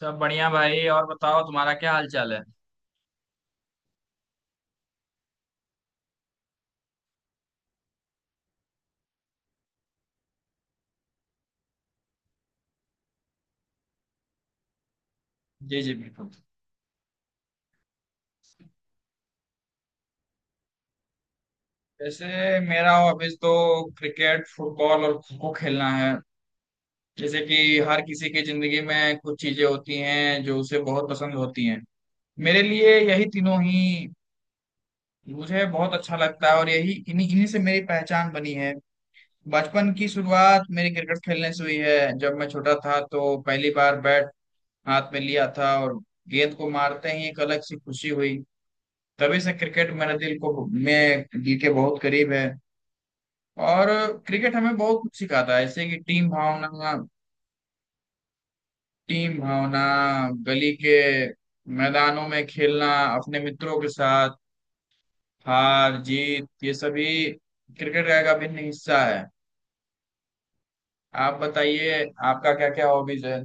सब बढ़िया भाई। और बताओ तुम्हारा क्या हाल चाल है। जी जी बिल्कुल। जैसे मेरा हॉबीज तो क्रिकेट, फुटबॉल और खो खो खेलना है। जैसे कि हर किसी की जिंदगी में कुछ चीजें होती हैं जो उसे बहुत पसंद होती हैं। मेरे लिए यही तीनों ही मुझे बहुत अच्छा लगता है, और यही इन्हीं इन्हीं से मेरी पहचान बनी है। बचपन की शुरुआत मेरी क्रिकेट खेलने से हुई है। जब मैं छोटा था तो पहली बार बैट हाथ में लिया था, और गेंद को मारते ही एक अलग सी खुशी हुई। तभी से क्रिकेट मेरे दिल को में दिल के बहुत करीब है। और क्रिकेट हमें बहुत कुछ सिखाता है, जैसे कि टीम भावना। टीम भावना, गली के मैदानों में खेलना अपने मित्रों के साथ, हार जीत, ये सभी क्रिकेट का एक अभिन्न हिस्सा है। आप बताइए, आपका क्या क्या हॉबीज है।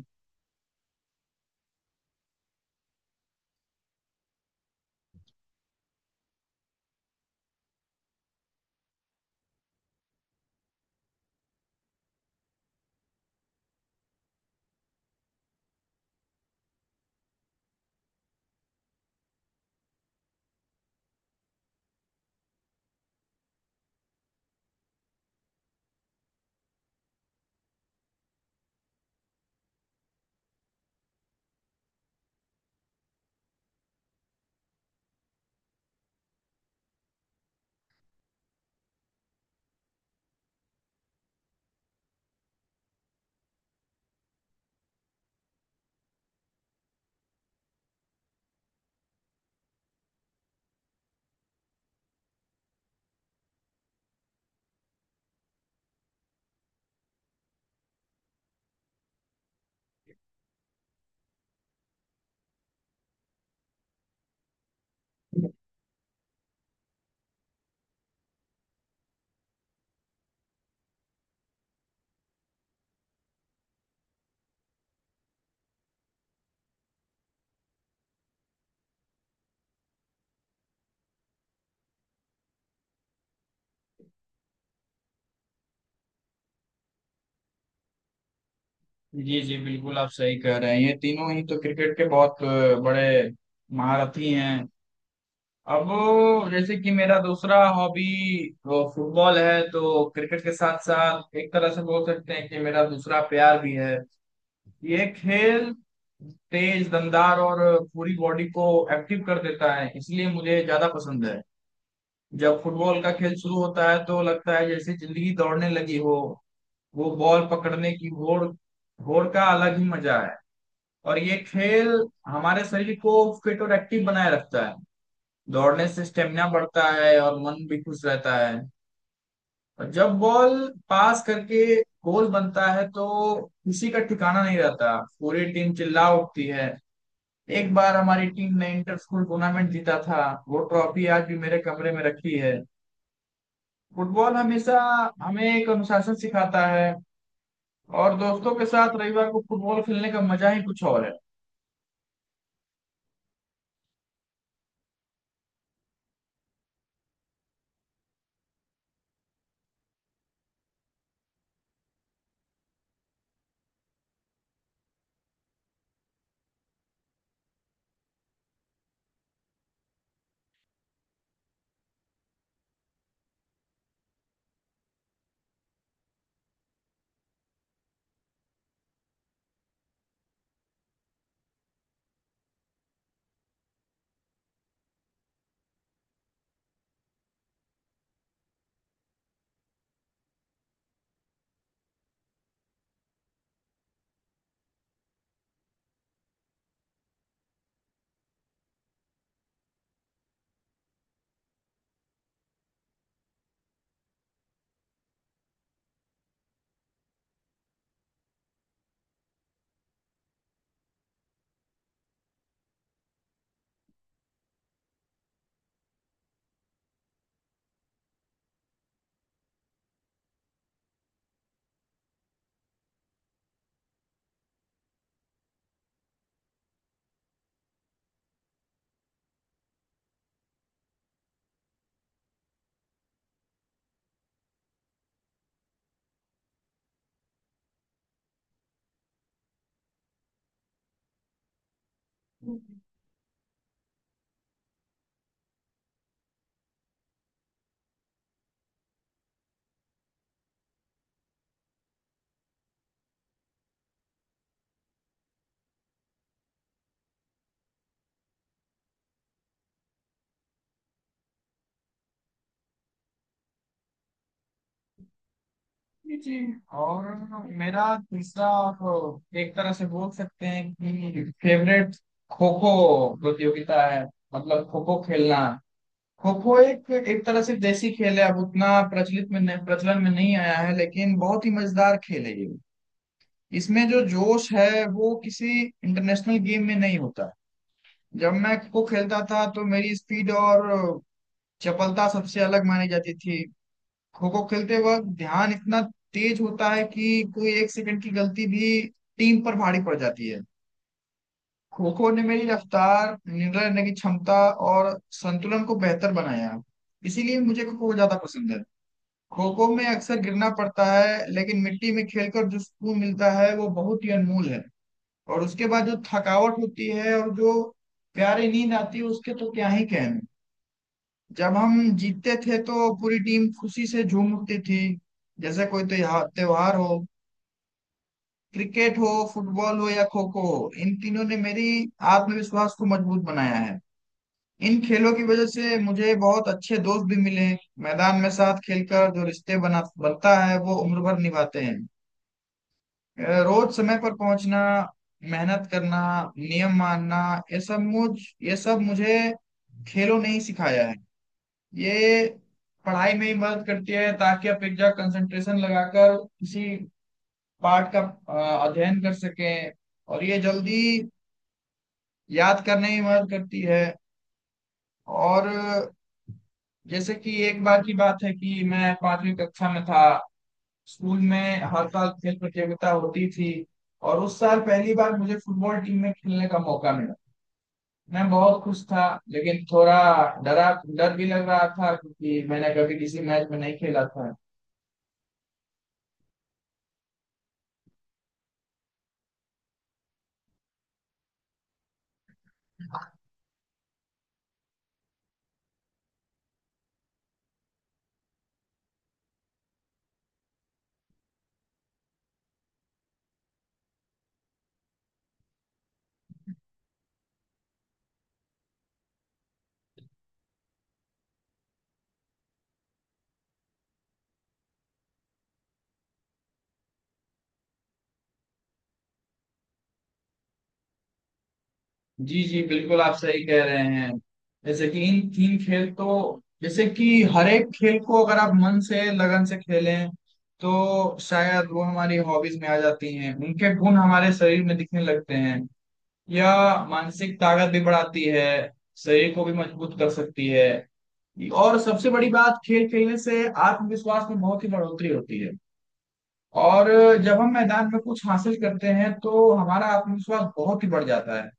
जी जी बिल्कुल, आप सही कह रहे हैं। ये तीनों ही तो क्रिकेट के बहुत बड़े महारथी हैं। अब जैसे कि मेरा दूसरा हॉबी वो फुटबॉल है। तो क्रिकेट के साथ साथ एक तरह से बोल सकते हैं कि मेरा दूसरा प्यार भी है ये खेल। तेज, दमदार और पूरी बॉडी को एक्टिव कर देता है, इसलिए मुझे ज्यादा पसंद है। जब फुटबॉल का खेल शुरू होता है तो लगता है जैसे जिंदगी दौड़ने लगी हो। वो बॉल पकड़ने की होड़ होड़ का अलग ही मजा है। और ये खेल हमारे शरीर को फिट और एक्टिव बनाए रखता है। दौड़ने से स्टेमिना बढ़ता है और मन भी खुश रहता है। और जब बॉल पास करके गोल बनता है तो खुशी का ठिकाना नहीं रहता, पूरी टीम चिल्ला उठती है। एक बार हमारी टीम ने इंटर स्कूल टूर्नामेंट जीता था, वो ट्रॉफी आज भी मेरे कमरे में रखी है। फुटबॉल हमेशा हमें एक अनुशासन सिखाता है। और दोस्तों के साथ रविवार को फुटबॉल खेलने का मजा ही कुछ और है। जी जी। और मेरा तीसरा, आप एक तरह से बोल सकते हैं कि फेवरेट, खो खो प्रतियोगिता है। मतलब खो खो खेलना। खो खो एक एक तरह से देसी खेल है। अब उतना प्रचलित में नहीं- प्रचलन में नहीं आया है, लेकिन बहुत ही मजेदार खेल है ये। इसमें जो जोश है वो किसी इंटरनेशनल गेम में नहीं होता। जब मैं खो खेलता था तो मेरी स्पीड और चपलता सबसे अलग मानी जाती थी। खो खो खेलते वक्त ध्यान इतना तेज होता है कि कोई एक सेकंड की गलती भी टीम पर भारी पड़ जाती है। खो खो ने मेरी रफ्तार, निर्णय लेने की क्षमता और संतुलन को बेहतर बनाया, इसीलिए मुझे खो खो ज्यादा पसंद है। खो खो में अक्सर गिरना पड़ता है, लेकिन मिट्टी में खेलकर जो सुकून मिलता है वो बहुत ही अनमोल है। और उसके बाद जो थकावट होती है और जो प्यारी नींद आती है उसके तो क्या ही कहने। जब हम जीतते थे तो पूरी टीम खुशी से झूम उठती थी, जैसे कोई त्योहार त्योहार हो। क्रिकेट हो, फुटबॉल हो या खो खो हो, इन तीनों ने मेरी आत्मविश्वास को मजबूत बनाया है। इन खेलों की वजह से मुझे बहुत अच्छे दोस्त भी मिले। मैदान में साथ खेलकर जो रिश्ते बना बनता है वो उम्र भर निभाते हैं। रोज समय पर पहुंचना, मेहनत करना, नियम मानना, ये सब मुझ ये सब मुझे खेलों ने ही सिखाया है। ये पढ़ाई में ही मदद करती है, ताकि आप एक जगह कंसंट्रेशन लगाकर किसी पार्ट का अध्ययन कर सकें। और ये जल्दी याद करने में मदद करती है। और जैसे कि एक बार की बात है कि मैं पांचवी कक्षा में था। स्कूल में हर साल खेल प्रतियोगिता होती थी, और उस साल पहली बार मुझे फुटबॉल टीम में खेलने का मौका मिला। मैं बहुत खुश था, लेकिन थोड़ा डरा डर भी लग रहा था, क्योंकि मैंने कभी किसी मैच में नहीं खेला था। जी जी बिल्कुल, आप सही कह रहे हैं। जैसे कि इन तीन खेल, तो जैसे कि हर एक खेल को अगर आप मन से, लगन से खेलें, तो शायद वो हमारी हॉबीज में आ जाती हैं। उनके गुण हमारे शरीर में दिखने लगते हैं, या मानसिक ताकत भी बढ़ाती है, शरीर को भी मजबूत कर सकती है। और सबसे बड़ी बात, खेल खेलने से आत्मविश्वास में बहुत ही बढ़ोतरी होती है। और जब हम मैदान में कुछ हासिल करते हैं तो हमारा आत्मविश्वास बहुत ही बढ़ जाता है,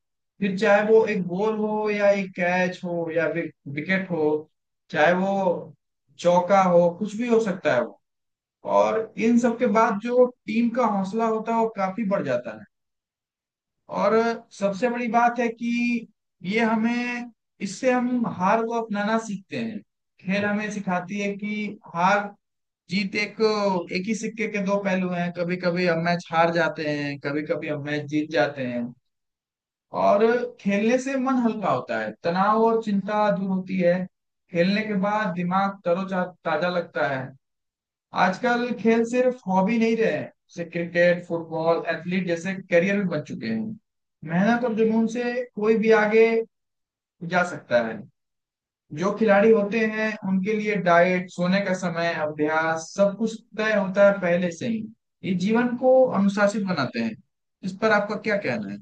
फिर चाहे वो एक गोल हो, या एक कैच हो, या फिर विकेट हो, चाहे वो चौका हो, कुछ भी हो सकता है वो। और इन सब के बाद जो टीम का हौसला होता है वो काफी बढ़ जाता है। और सबसे बड़ी बात है कि ये हमें इससे हम हार को अपनाना सीखते हैं। खेल हमें सिखाती है कि हार जीत एक, एक ही सिक्के के दो पहलू हैं। कभी कभी हम मैच हार जाते हैं, कभी कभी हम मैच जीत जाते हैं। और खेलने से मन हल्का होता है, तनाव और चिंता दूर होती है। खेलने के बाद दिमाग तरोजा ताजा लगता है। आजकल खेल सिर्फ हॉबी नहीं रहे हैं, जैसे क्रिकेट, फुटबॉल, एथलीट जैसे करियर भी बन चुके हैं। मेहनत और जुनून से कोई भी आगे जा सकता है। जो खिलाड़ी होते हैं उनके लिए डाइट, सोने का समय, अभ्यास, सब कुछ तय होता है पहले से ही। ये जीवन को अनुशासित बनाते हैं। इस पर आपका क्या कहना है।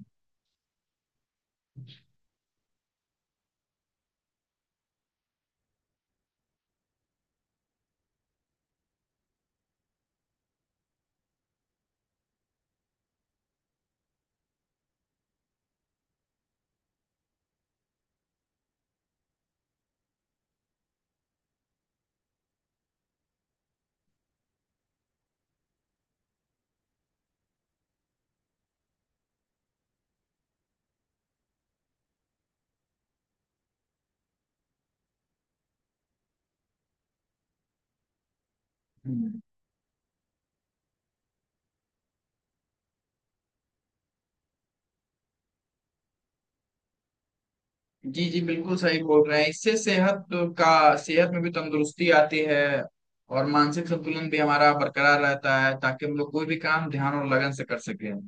हम्म। जी जी बिल्कुल सही बोल रहे हैं। इससे सेहत का, सेहत में भी तंदुरुस्ती आती है, और मानसिक संतुलन भी हमारा बरकरार रहता है, ताकि हम लोग कोई भी काम ध्यान और लगन से कर सकें।